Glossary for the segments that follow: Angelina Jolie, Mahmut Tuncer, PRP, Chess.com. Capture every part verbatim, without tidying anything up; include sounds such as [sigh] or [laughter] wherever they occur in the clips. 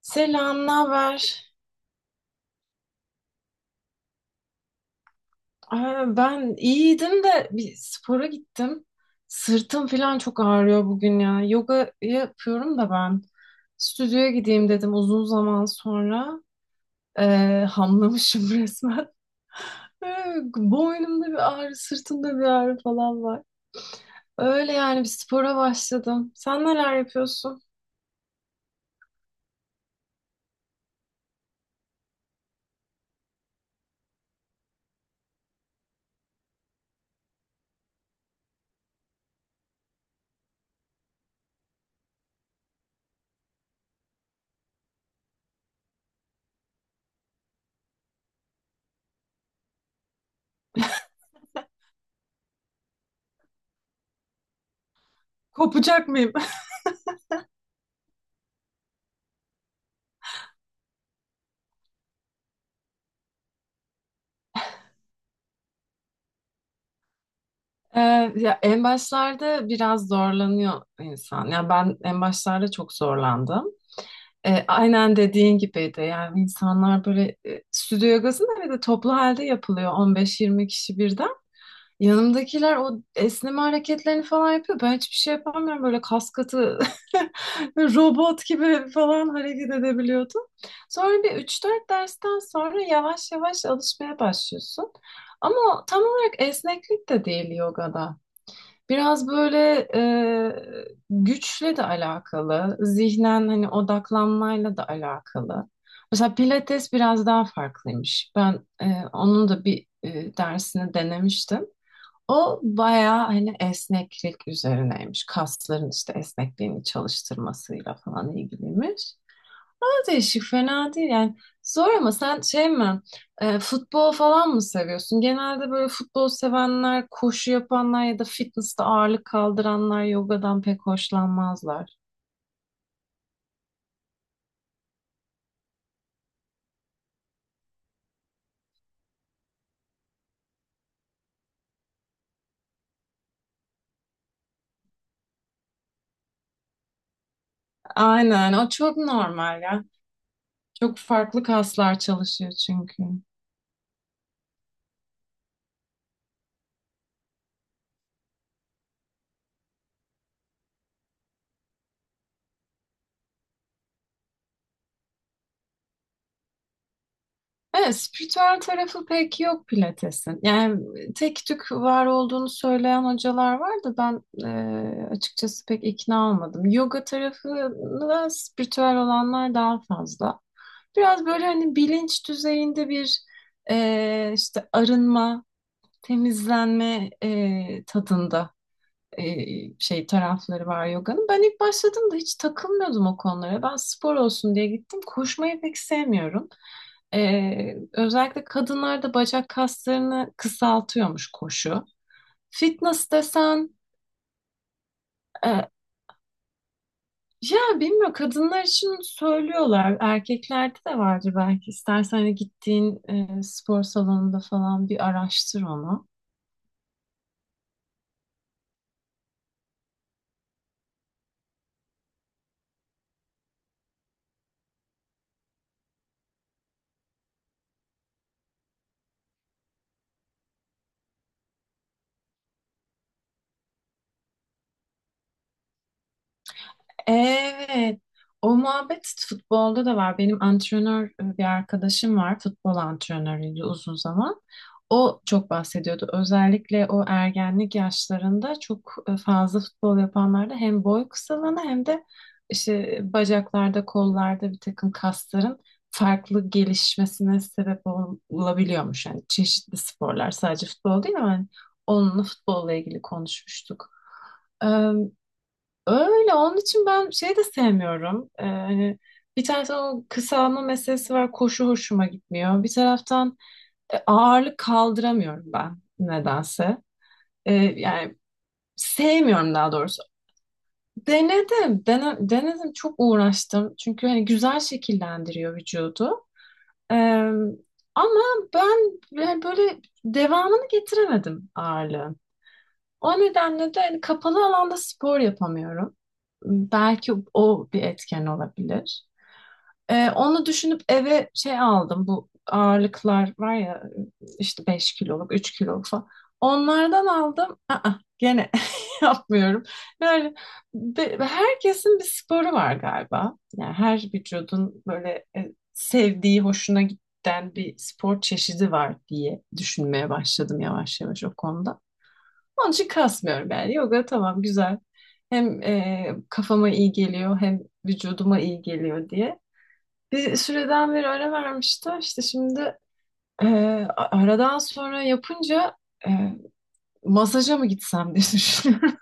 Selam, ne haber? Aa, Ben iyiydim de bir spora gittim. Sırtım falan çok ağrıyor bugün ya. Yoga yapıyorum da ben. Stüdyoya gideyim dedim uzun zaman sonra. Ee, hamlamışım [laughs] resmen. Ee, Boynumda bir ağrı, sırtımda bir ağrı falan var. Öyle yani bir spora başladım. Sen neler yapıyorsun? Kopacak mıyım? [laughs] Ee, ya en başlarda biraz zorlanıyor insan. Ya ben en başlarda çok zorlandım. Ee, aynen dediğin gibiydi. Yani insanlar böyle e, stüdyo yogasında bir de toplu halde yapılıyor on beş yirmi kişi birden. Yanımdakiler o esneme hareketlerini falan yapıyor. Ben hiçbir şey yapamıyorum. Böyle kas katı [laughs] robot gibi falan hareket edebiliyordum. Sonra bir üç dört dersten sonra yavaş yavaş alışmaya başlıyorsun. Ama o tam olarak esneklik de değil yogada. Biraz böyle e, güçle de alakalı, zihnen hani odaklanmayla da alakalı. Mesela Pilates biraz daha farklıymış. Ben e, onun da bir e, dersini denemiştim. O bayağı hani esneklik üzerineymiş. Kasların işte esnekliğini çalıştırmasıyla falan ilgiliymiş. Değişik, fena değil yani. Zor ama sen şey mi, e, futbol falan mı seviyorsun? Genelde böyle futbol sevenler, koşu yapanlar ya da fitness'te ağırlık kaldıranlar yogadan pek hoşlanmazlar. Aynen, o çok normal ya. Çok farklı kaslar çalışıyor çünkü. Evet, spiritüel tarafı pek yok Pilates'in. Yani tek tük var olduğunu söyleyen hocalar var da ben e, açıkçası pek ikna olmadım. Yoga tarafı da spiritüel olanlar daha fazla. Biraz böyle hani bilinç düzeyinde bir e, işte arınma, temizlenme e, tadında e, şey tarafları var yoganın. Ben ilk başladığımda hiç takılmıyordum o konulara. Ben spor olsun diye gittim. Koşmayı pek sevmiyorum. E, özellikle kadınlarda bacak kaslarını kısaltıyormuş koşu. Fitness desen e, Ya bilmiyorum kadınlar için söylüyorlar. Erkeklerde de vardır belki. İstersen hani gittiğin e, spor salonunda falan bir araştır onu. Evet. O muhabbet futbolda da var. Benim antrenör e, bir arkadaşım var. Futbol antrenörüydü uzun zaman. O çok bahsediyordu. Özellikle o ergenlik yaşlarında çok e, fazla futbol yapanlarda hem boy kısalığına hem de işte bacaklarda, kollarda bir takım kasların farklı gelişmesine sebep ol- olabiliyormuş. Yani çeşitli sporlar sadece futbol değil ama hani onunla futbolla ilgili konuşmuştuk. Öyle onun için ben şey de sevmiyorum. Ee, hani bir taraftan o kısalma meselesi var koşu hoşuma gitmiyor. Bir taraftan e, ağırlık kaldıramıyorum ben nedense. Ee, yani sevmiyorum daha doğrusu. Denedim, dene- denedim çok uğraştım. Çünkü hani güzel şekillendiriyor vücudu. Ee, ama ben yani böyle devamını getiremedim ağırlığın. O nedenle de hani kapalı alanda spor yapamıyorum. Belki o bir etken olabilir. Ee, onu düşünüp eve şey aldım. Bu ağırlıklar var ya işte 5 kiloluk, 3 kiloluk falan. Onlardan aldım. Aa, gene [laughs] yapmıyorum. Yani be- herkesin bir sporu var galiba. Yani her vücudun böyle e, sevdiği, hoşuna giden bir spor çeşidi var diye düşünmeye başladım yavaş yavaş o konuda. Onun için kasmıyorum yani. Yoga tamam güzel. Hem e, kafama iyi geliyor hem vücuduma iyi geliyor diye. Bir süreden beri öyle vermişti. İşte şimdi e, a- aradan sonra yapınca e, masaja mı gitsem diye düşünüyorum.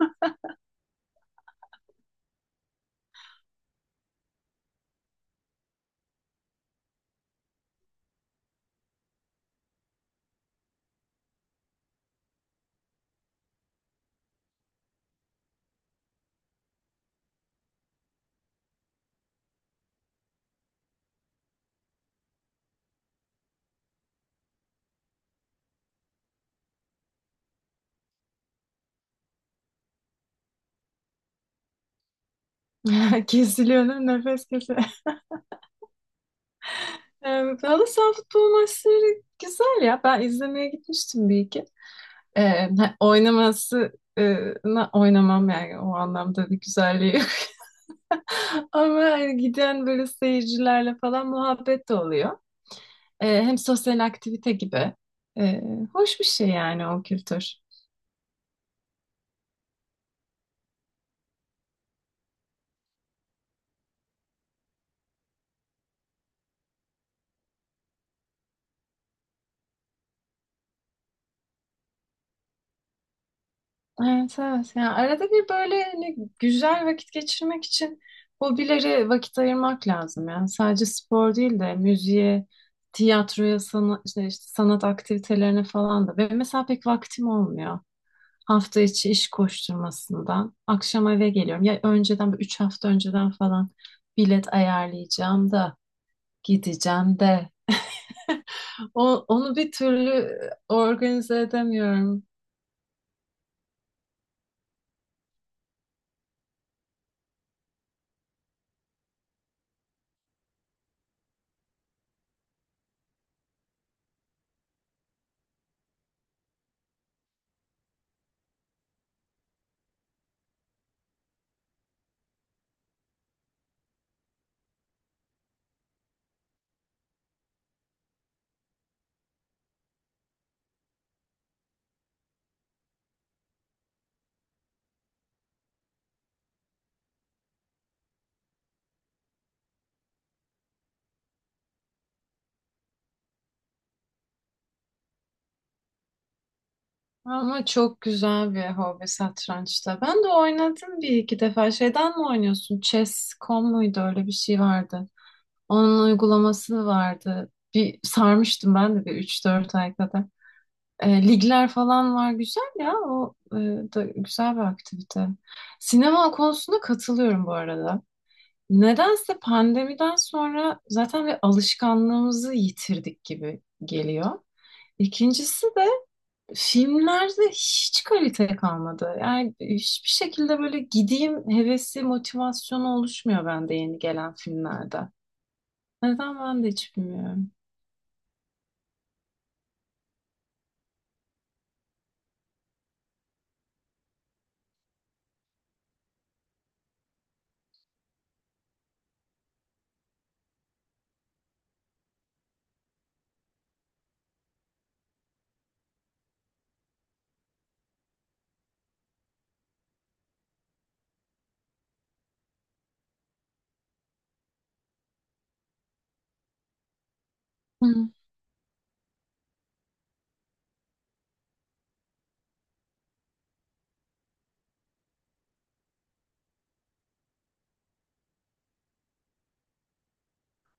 [laughs] Kesiliyor değil mi? Nefes kesiliyor. [laughs] E, halı saha futbol maçları güzel ya. Ben izlemeye gitmiştim bir iki. E, ha, oynaması e, na- oynamam yani o anlamda bir güzelliği. Ama hani giden böyle seyircilerle falan muhabbet de oluyor. Ee, hem sosyal aktivite gibi. Ee, hoş bir şey yani o kültür. Evet, evet. Yani arada bir böyle hani güzel vakit geçirmek için hobilere vakit ayırmak lazım. Yani sadece spor değil de müziğe, tiyatroya, sana, işte işte sanat aktivitelerine falan da. Ve mesela pek vaktim olmuyor. Hafta içi iş koşturmasından. Akşam eve geliyorum. Ya önceden, böyle üç hafta önceden falan bilet ayarlayacağım da gideceğim de. O, onu bir türlü e, organize edemiyorum. Ama çok güzel bir hobi satrançta. Ben de oynadım bir iki defa. Şeyden mi oynuyorsun? chess nokta com muydu? Öyle bir şey vardı. Onun uygulaması vardı. Bir sarmıştım ben de bir üç dört ay kadar. E, ligler falan var. Güzel ya. O e, da güzel bir aktivite. Sinema konusunda katılıyorum bu arada. Nedense pandemiden sonra zaten bir alışkanlığımızı yitirdik gibi geliyor. İkincisi, Filmlerde hiç kalite kalmadı. Yani hiçbir şekilde böyle gideyim hevesi, motivasyonu oluşmuyor bende yeni gelen filmlerde. Neden ben de hiç bilmiyorum. Hı.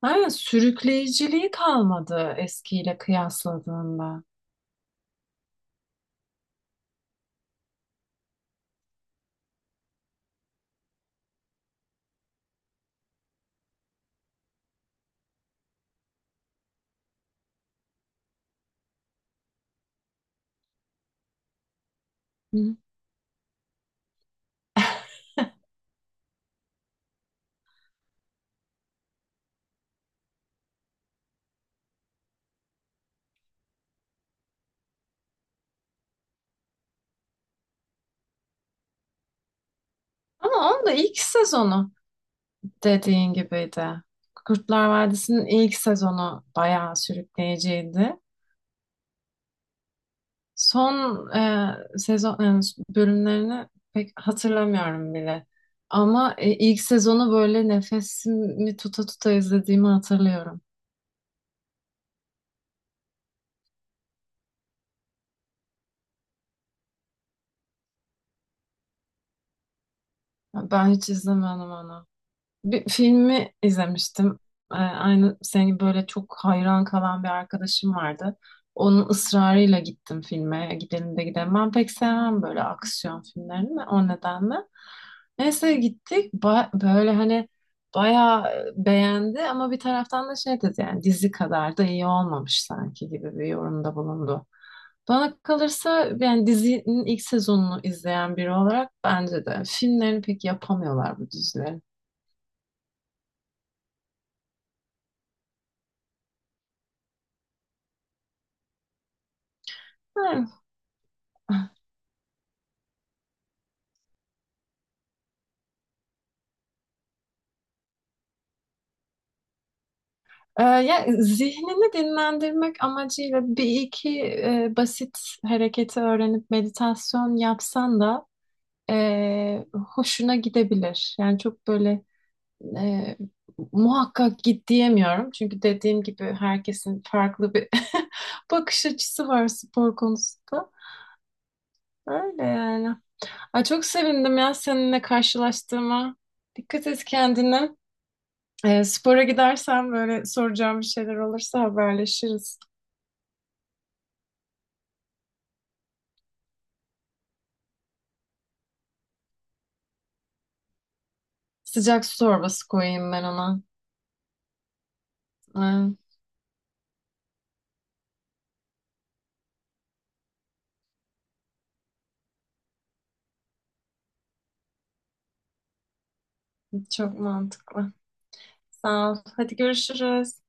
Aynen sürükleyiciliği kalmadı eskiyle kıyasladığında. Hı. Ama onun da ilk sezonu dediğin gibiydi. Kurtlar Vadisi'nin ilk sezonu bayağı sürükleyiciydi. Son e, sezon e, bölümlerini pek hatırlamıyorum bile. Ama e, ilk sezonu böyle nefesimi tuta tuta izlediğimi hatırlıyorum. Ben hiç izlemedim onu. Bir filmi izlemiştim. Ee, aynı senin gibi böyle çok hayran kalan bir arkadaşım vardı. Onun ısrarıyla gittim filme. Gidelim de gidelim. Ben pek sevmem böyle aksiyon filmlerini o nedenle. Neyse gittik. Ba- böyle hani bayağı e, beğendi ama bir taraftan da şey dedi yani dizi kadar da iyi olmamış sanki gibi bir yorumda bulundu. Bana kalırsa yani dizinin ilk sezonunu izleyen biri olarak bence de filmlerini pek yapamıyorlar bu dizileri. Ee, ya zihnini dinlendirmek amacıyla bir iki e, basit hareketi öğrenip meditasyon yapsan da e, hoşuna gidebilir. Yani çok böyle e, muhakkak git diyemiyorum. Çünkü dediğim gibi herkesin farklı bir [laughs] bakış açısı var spor konusunda. Öyle yani. Ay, çok sevindim ya seninle karşılaştığıma. Dikkat et kendine. E, spora gidersen böyle soracağım bir şeyler olursa haberleşiriz. Sıcak su torbası koyayım ben ona. Ay, çok mantıklı. Sağ ol. Hadi görüşürüz.